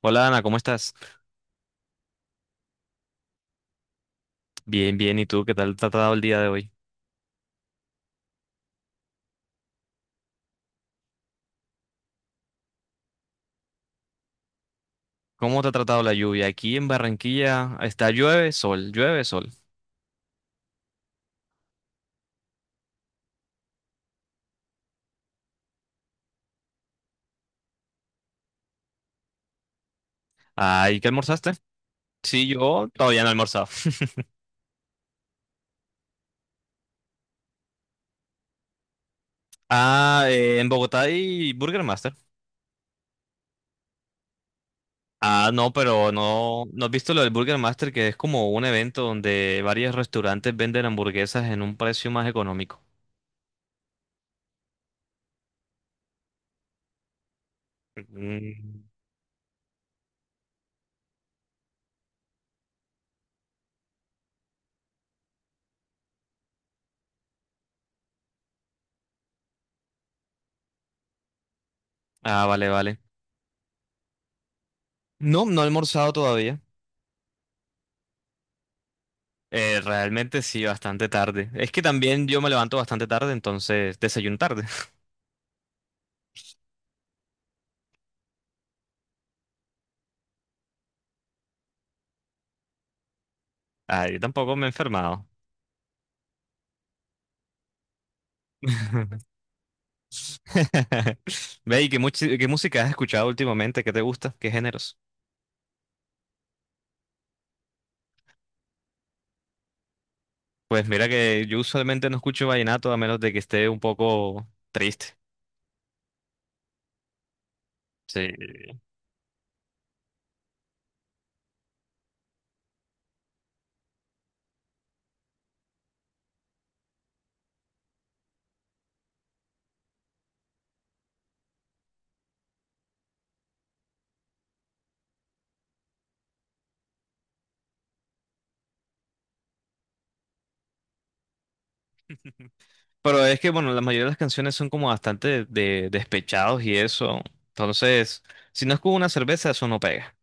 Hola Ana, ¿cómo estás? Bien, bien. ¿Y tú qué tal te ha tratado el día de hoy? ¿Cómo te ha tratado la lluvia? Aquí en Barranquilla está llueve, sol, llueve, sol. Ah, ¿y qué almorzaste? Sí, yo todavía no he almorzado. En Bogotá hay Burger Master. Ah, no, pero no, ¿no has visto lo del Burger Master, que es como un evento donde varios restaurantes venden hamburguesas en un precio más económico? Mm. Ah, vale, vale. No, no he almorzado todavía. Realmente sí, bastante tarde. Es que también yo me levanto bastante tarde, entonces desayuno tarde. Ah, yo tampoco me he enfermado. Ve, ¿y qué, qué música has escuchado últimamente? ¿Qué te gusta? ¿Qué géneros? Pues mira que yo usualmente no escucho vallenato a menos de que esté un poco triste. Sí. Pero es que, bueno, la mayoría de las canciones son como bastante de, despechados y eso. Entonces, si no es con una cerveza, eso no pega.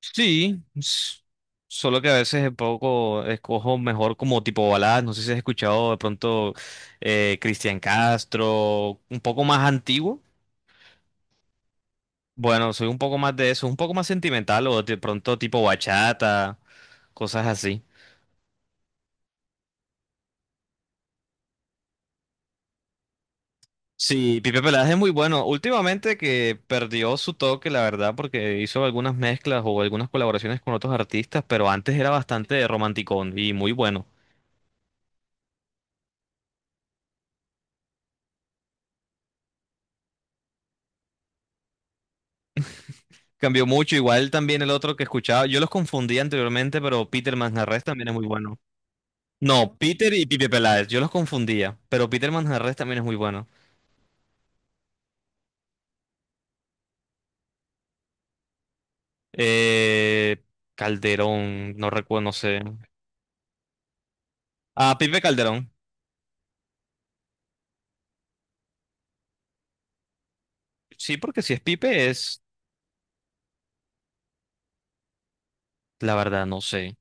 Sí, s- Solo que a veces es poco escojo mejor como tipo baladas. No sé si has escuchado de pronto Cristian Castro, un poco más antiguo. Bueno, soy un poco más de eso, un poco más sentimental o de pronto tipo bachata, cosas así. Sí, Pipe Peláez es muy bueno. Últimamente que perdió su toque, la verdad, porque hizo algunas mezclas o algunas colaboraciones con otros artistas, pero antes era bastante romanticón y muy bueno. Cambió mucho, igual también el otro que escuchaba, yo los confundía anteriormente, pero Peter Manjarres también es muy bueno. No, Peter y Pipe Peláez, yo los confundía, pero Peter Manjarres también es muy bueno. Eh, Calderón, no recuerdo, no sé. Ah, Pipe Calderón. Sí, porque si es Pipe es, la verdad, no sé.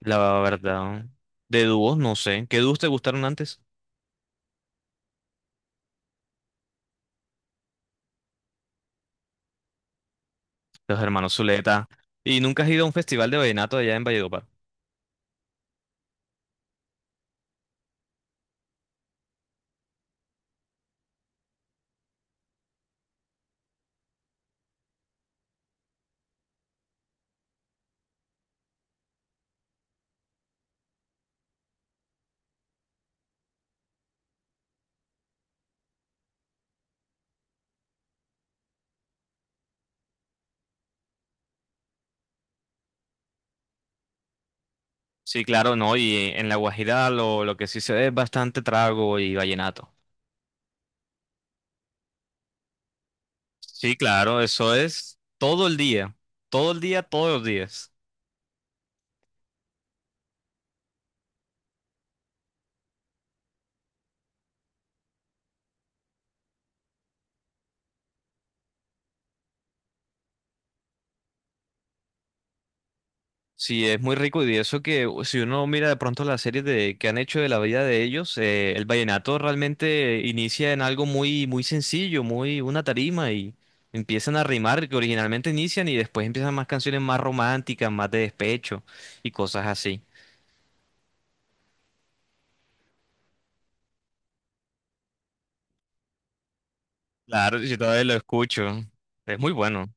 La verdad. De dúos, no sé. ¿Qué dúos te gustaron antes? Los hermanos Zuleta. ¿Y nunca has ido a un festival de vallenato allá en Valledupar? Sí, claro, no, y en La Guajira lo que sí se ve es bastante trago y vallenato. Sí, claro, eso es todo el día, todos los días. Sí, es muy rico y eso que si uno mira de pronto las series de, que han hecho de la vida de ellos, el vallenato realmente inicia en algo muy, muy sencillo, muy una tarima y empiezan a rimar que originalmente inician y después empiezan más canciones más románticas, más de despecho y cosas así. Claro, yo todavía lo escucho, es muy bueno.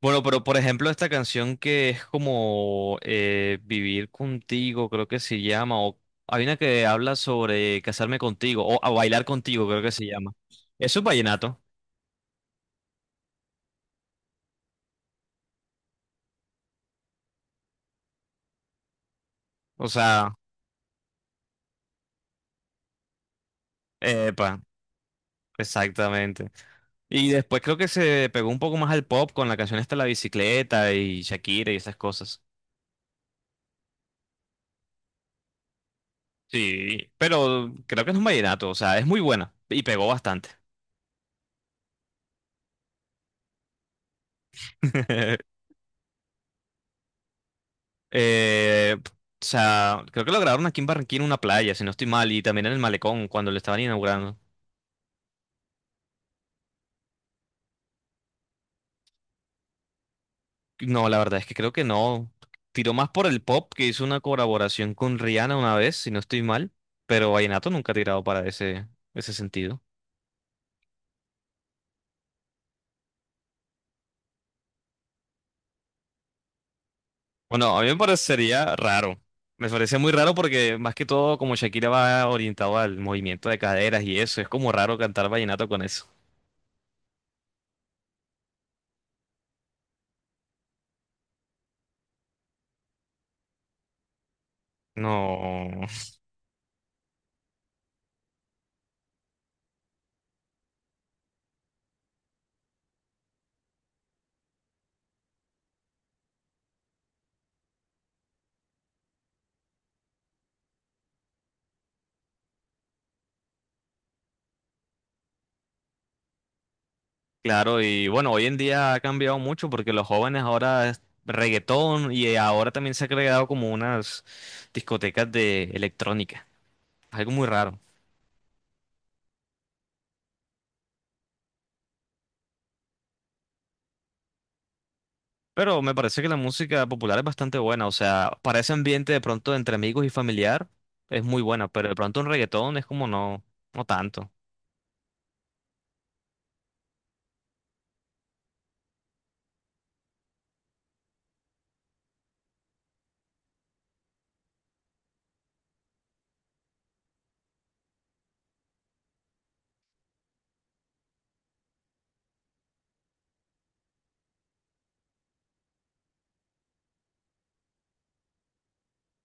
Bueno, pero por ejemplo, esta canción que es como Vivir contigo, creo que se llama, o hay una que habla sobre casarme contigo, o a bailar contigo, creo que se llama. Eso es vallenato. O sea, epa, exactamente. Y después creo que se pegó un poco más al pop con la canción esta La Bicicleta y Shakira y esas cosas. Sí, pero creo que es un vallenato, o sea, es muy buena y pegó bastante. O sea, creo que lo grabaron aquí en Barranquilla en una playa, si no estoy mal, y también en el Malecón cuando lo estaban inaugurando. No, la verdad es que creo que no. Tiró más por el pop, que hizo una colaboración con Rihanna una vez, si no estoy mal, pero Vallenato nunca ha tirado para ese, ese sentido. Bueno, a mí me parecería raro. Me parece muy raro porque más que todo como Shakira va orientado al movimiento de caderas y eso, es como raro cantar vallenato con eso. No. Claro, y bueno, hoy en día ha cambiado mucho porque los jóvenes ahora es reggaetón y ahora también se ha creado como unas discotecas de electrónica. Algo muy raro. Pero me parece que la música popular es bastante buena. O sea, para ese ambiente de pronto entre amigos y familiar es muy buena, pero de pronto un reggaetón es como no, no tanto.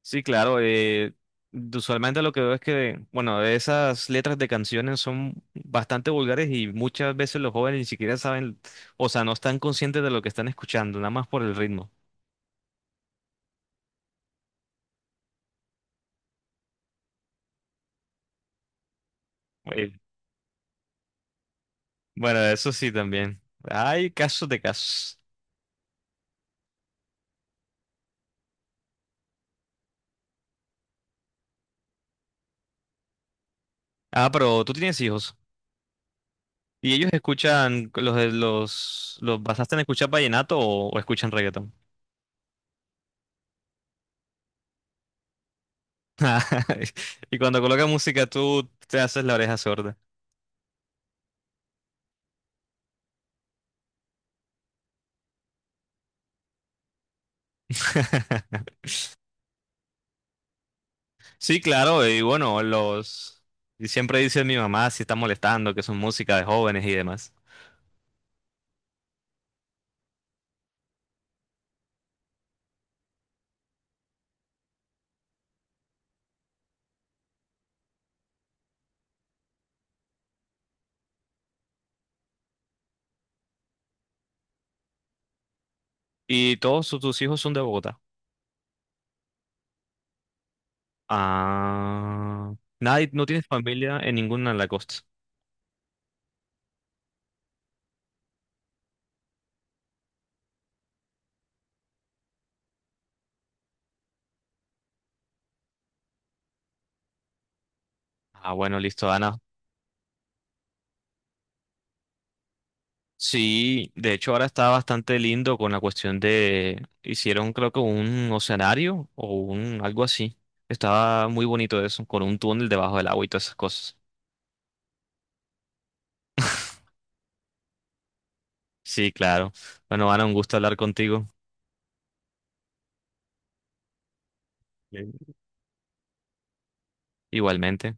Sí, claro. Usualmente lo que veo es que, bueno, esas letras de canciones son bastante vulgares y muchas veces los jóvenes ni siquiera saben, o sea, no están conscientes de lo que están escuchando, nada más por el ritmo. Eh, bueno, eso sí también. Hay casos de casos. Ah, pero tú tienes hijos y ellos escuchan, los basaste en escuchar vallenato o escuchan reggaetón. Y cuando colocan música, tú te haces la oreja sorda. Sí, claro, y bueno, los... Y siempre dice mi mamá si está molestando, que son música de jóvenes y demás. ¿Y todos tus hijos son de Bogotá? Ah... Nadie, no tienes familia en ninguna de la costa. Ah, bueno, listo, Ana. Sí, de hecho ahora está bastante lindo con la cuestión de... Hicieron creo que un oceanario o un algo así. Estaba muy bonito eso, con un túnel debajo del agua y todas esas cosas. Sí, claro. Bueno, Ana, un gusto hablar contigo. Bien. Igualmente.